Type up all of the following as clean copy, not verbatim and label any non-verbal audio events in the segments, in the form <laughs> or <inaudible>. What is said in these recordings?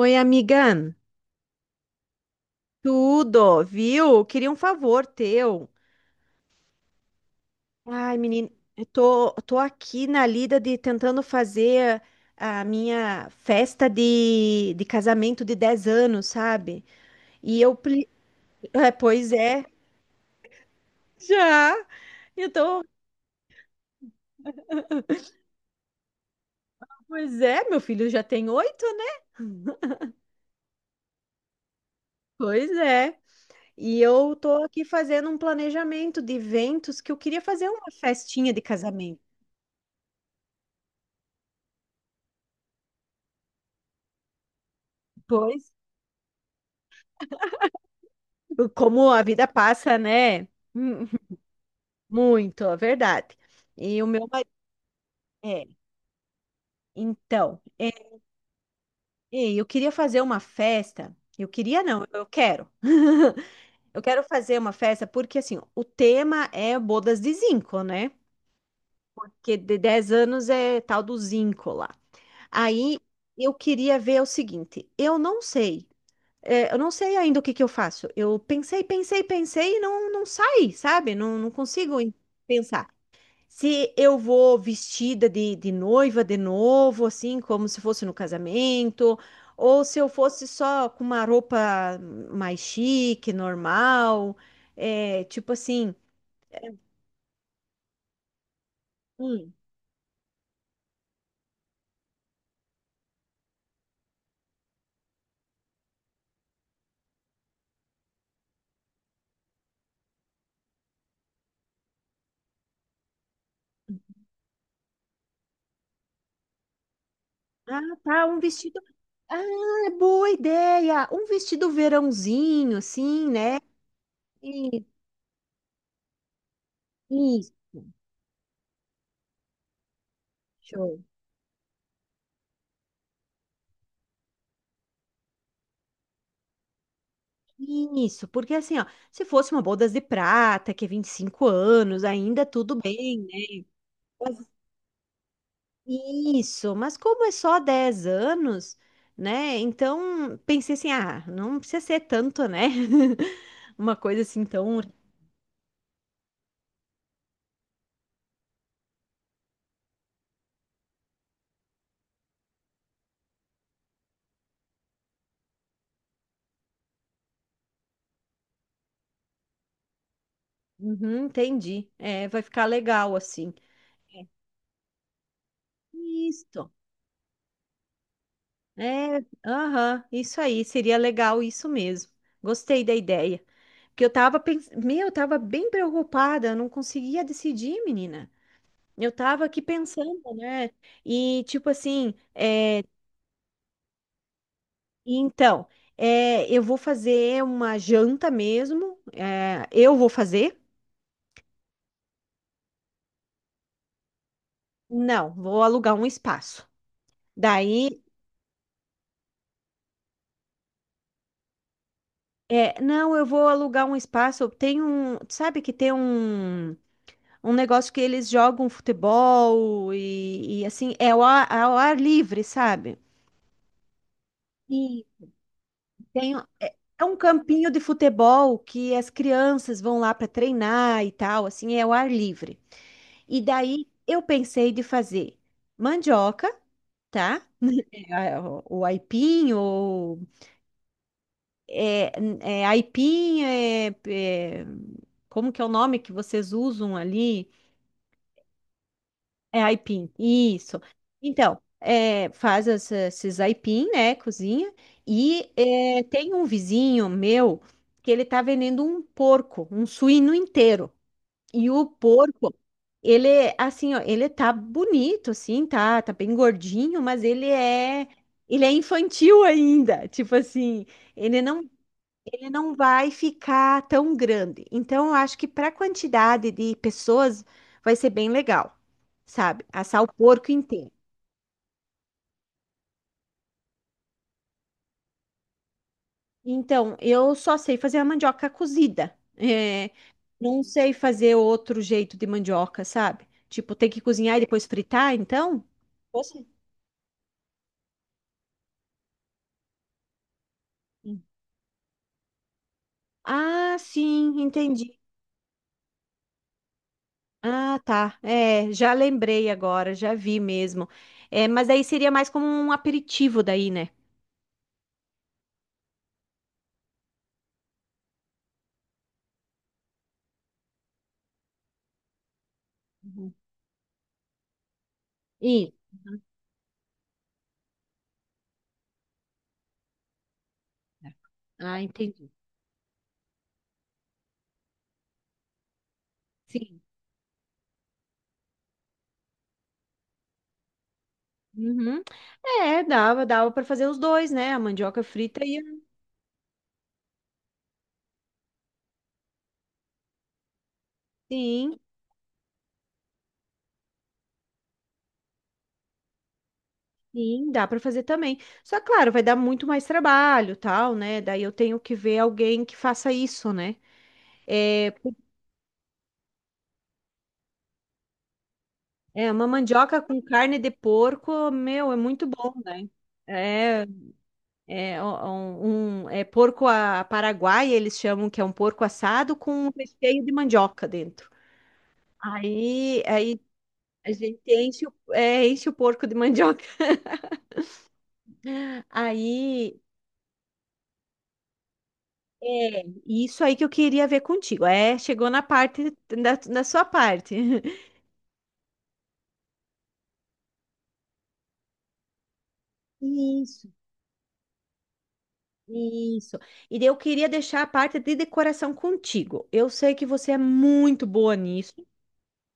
Oi, amiga. Tudo, viu? Queria um favor teu. Ai, menina, eu tô aqui na lida de tentando fazer a minha festa de casamento de 10 anos, sabe? E eu, é, pois é, já. Eu tô, pois é, meu filho já tem 8, né? Pois é. E eu tô aqui fazendo um planejamento de eventos que eu queria fazer uma festinha de casamento. Pois Como a vida passa, né? Hum, muito, é verdade. E o meu marido. É, então, é, eu queria fazer uma festa. Eu queria, não, eu quero. Eu quero fazer uma festa porque, assim, o tema é bodas de zinco, né? Porque de 10 anos é tal do zinco lá. Aí eu queria ver o seguinte: eu não sei. Eu não sei ainda o que que eu faço. Eu pensei, pensei, pensei e não saí, sabe? Não consigo pensar. Se eu vou vestida de noiva de novo, assim, como se fosse no casamento, ou se eu fosse só com uma roupa mais chique, normal, é, tipo assim, hum, ah, tá, um vestido. Ah, é boa ideia! Um vestido verãozinho, assim, né? E- Isso. Show. Isso, porque assim, ó, se fosse uma bodas de prata, que é 25 anos, ainda tudo bem, né? Isso, mas como é só 10 anos, né? Então pensei assim, ah, não precisa ser tanto, né? <laughs> Uma coisa assim tão. Uhum, entendi. É, vai ficar legal assim. Isso. É, aham, isso aí, seria legal isso mesmo. Gostei da ideia. Porque eu tava pensando, meu, eu tava bem preocupada, eu não conseguia decidir, menina. Eu tava aqui pensando, né? E tipo assim, é. Então, eu vou fazer uma janta mesmo. Eu vou fazer? Não, vou alugar um espaço. Daí, não, eu vou alugar um espaço. Tem um, sabe que tem um, um negócio que eles jogam futebol e assim, é ao ao ar livre, sabe? E é um campinho de futebol que as crianças vão lá para treinar e tal, assim, é ao ar livre. E daí eu pensei de fazer mandioca. Tá? <laughs> É, o aipim, ou é, é aipim, como que é o nome que vocês usam ali? É aipim, isso. Então, é, faz esses aipim, né, cozinha, e é, tem um vizinho meu que ele tá vendendo um porco, um suíno inteiro. E o porco, ele, é, assim, ó, ele tá bonito, assim, tá bem gordinho, mas ele é infantil ainda, tipo assim, ele não, ele não vai ficar tão grande. Então, eu acho que para a quantidade de pessoas vai ser bem legal, sabe? Assar o porco inteiro. Então, eu só sei fazer a mandioca cozida. É, não sei fazer outro jeito de mandioca, sabe? Tipo, tem que cozinhar e depois fritar, então? Você? Ah, sim, entendi. Ah, tá. É, já lembrei agora, já vi mesmo. É, mas aí seria mais como um aperitivo daí, né? Uhum. Isso. Uhum. Ah, entendi. Sim. Uhum. É, dava para fazer os dois, né? A mandioca frita e a... Sim, sim, dá para fazer também. Só, claro, vai dar muito mais trabalho, tal, né? Daí eu tenho que ver alguém que faça isso, né? É, é uma mandioca com carne de porco, meu, é muito bom, né? É. É um, é porco a Paraguai, eles chamam que é um porco assado com um recheio de mandioca dentro. Aí a gente enche o, é, enche o porco de <laughs> mandioca. Aí, é isso aí que eu queria ver contigo. É, chegou na parte da sua parte. <laughs> Isso, isso. E daí eu queria deixar a parte de decoração contigo. Eu sei que você é muito boa nisso.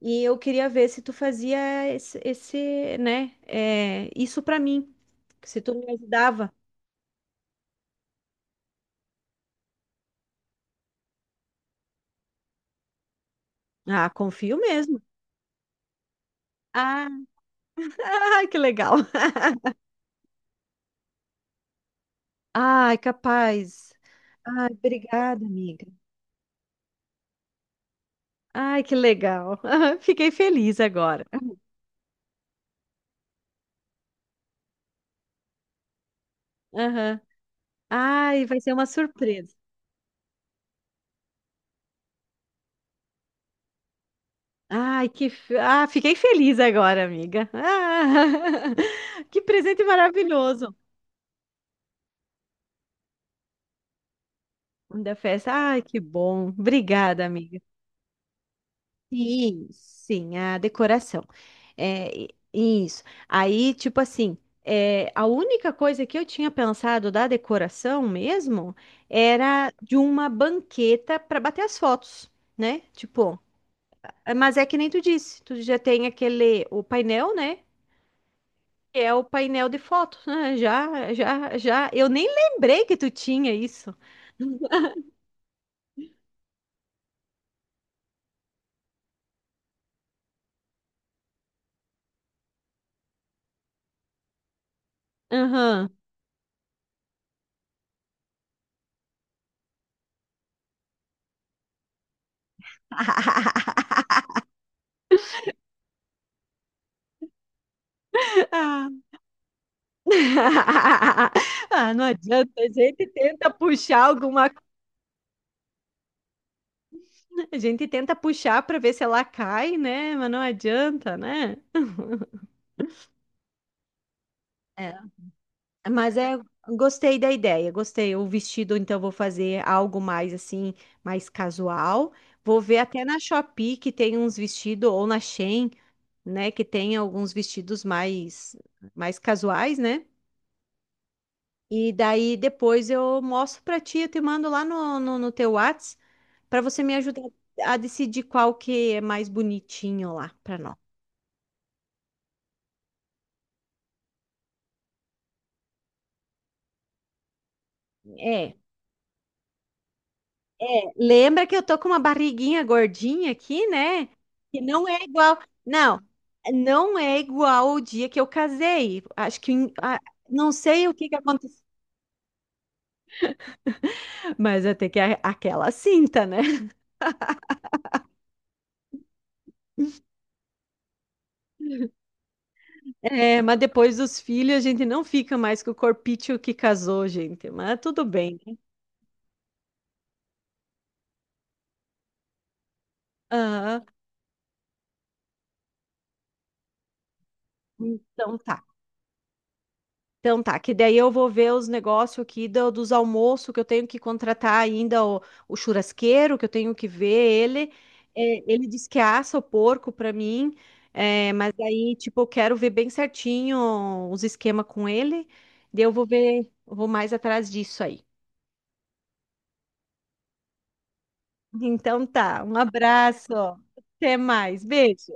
E eu queria ver se tu fazia esse, né, é, isso pra mim. Se tu me ajudava. Ah, confio mesmo. Ah, <laughs> que legal. Ai, capaz. Ai, obrigada, amiga. Ai, que legal. <laughs> Fiquei feliz agora. Aham. Ai, vai ser uma surpresa. Ai, que. Ah, fiquei feliz agora, amiga. Ah, <laughs> que presente maravilhoso da festa. Ai, que bom. Obrigada, amiga. Sim, sim, a decoração. É, isso. Aí, tipo assim, é, a única coisa que eu tinha pensado da decoração mesmo era de uma banqueta para bater as fotos, né? Tipo, é, mas é que nem tu disse, tu já tem aquele, o painel, né? Que é o painel de fotos, né? Já, já, já. Eu nem lembrei que tu tinha isso. Aham. <laughs> <laughs> Ah, não adianta, a gente tenta puxar alguma, a gente tenta puxar para ver se ela cai, né? Mas não adianta, né? É, mas é, gostei da ideia, gostei. O vestido, então, vou fazer algo mais assim, mais casual. Vou ver até na Shopee que tem uns vestidos, ou na Shein, né? Que tem alguns vestidos mais, mais casuais, né? E daí depois eu mostro para ti, eu te mando lá no teu Whats. Para você me ajudar a decidir qual que é mais bonitinho lá para nós. É, lembra que eu tô com uma barriguinha gordinha aqui, né? Que não é igual. Não, não é igual o dia que eu casei. Acho que ah, não sei o que que aconteceu, mas até que é aquela cinta, né? É, mas depois dos filhos a gente não fica mais com o corpício que casou, gente. Mas tudo bem. Ah, então tá. Então tá, que daí eu vou ver os negócios aqui dos almoços que eu tenho que contratar ainda o churrasqueiro, que eu tenho que ver ele. É, ele disse que assa o porco para mim, é, mas aí, tipo, eu quero ver bem certinho os esquemas com ele. Daí eu vou ver, eu vou mais atrás disso aí. Então tá, um abraço, até mais, beijo.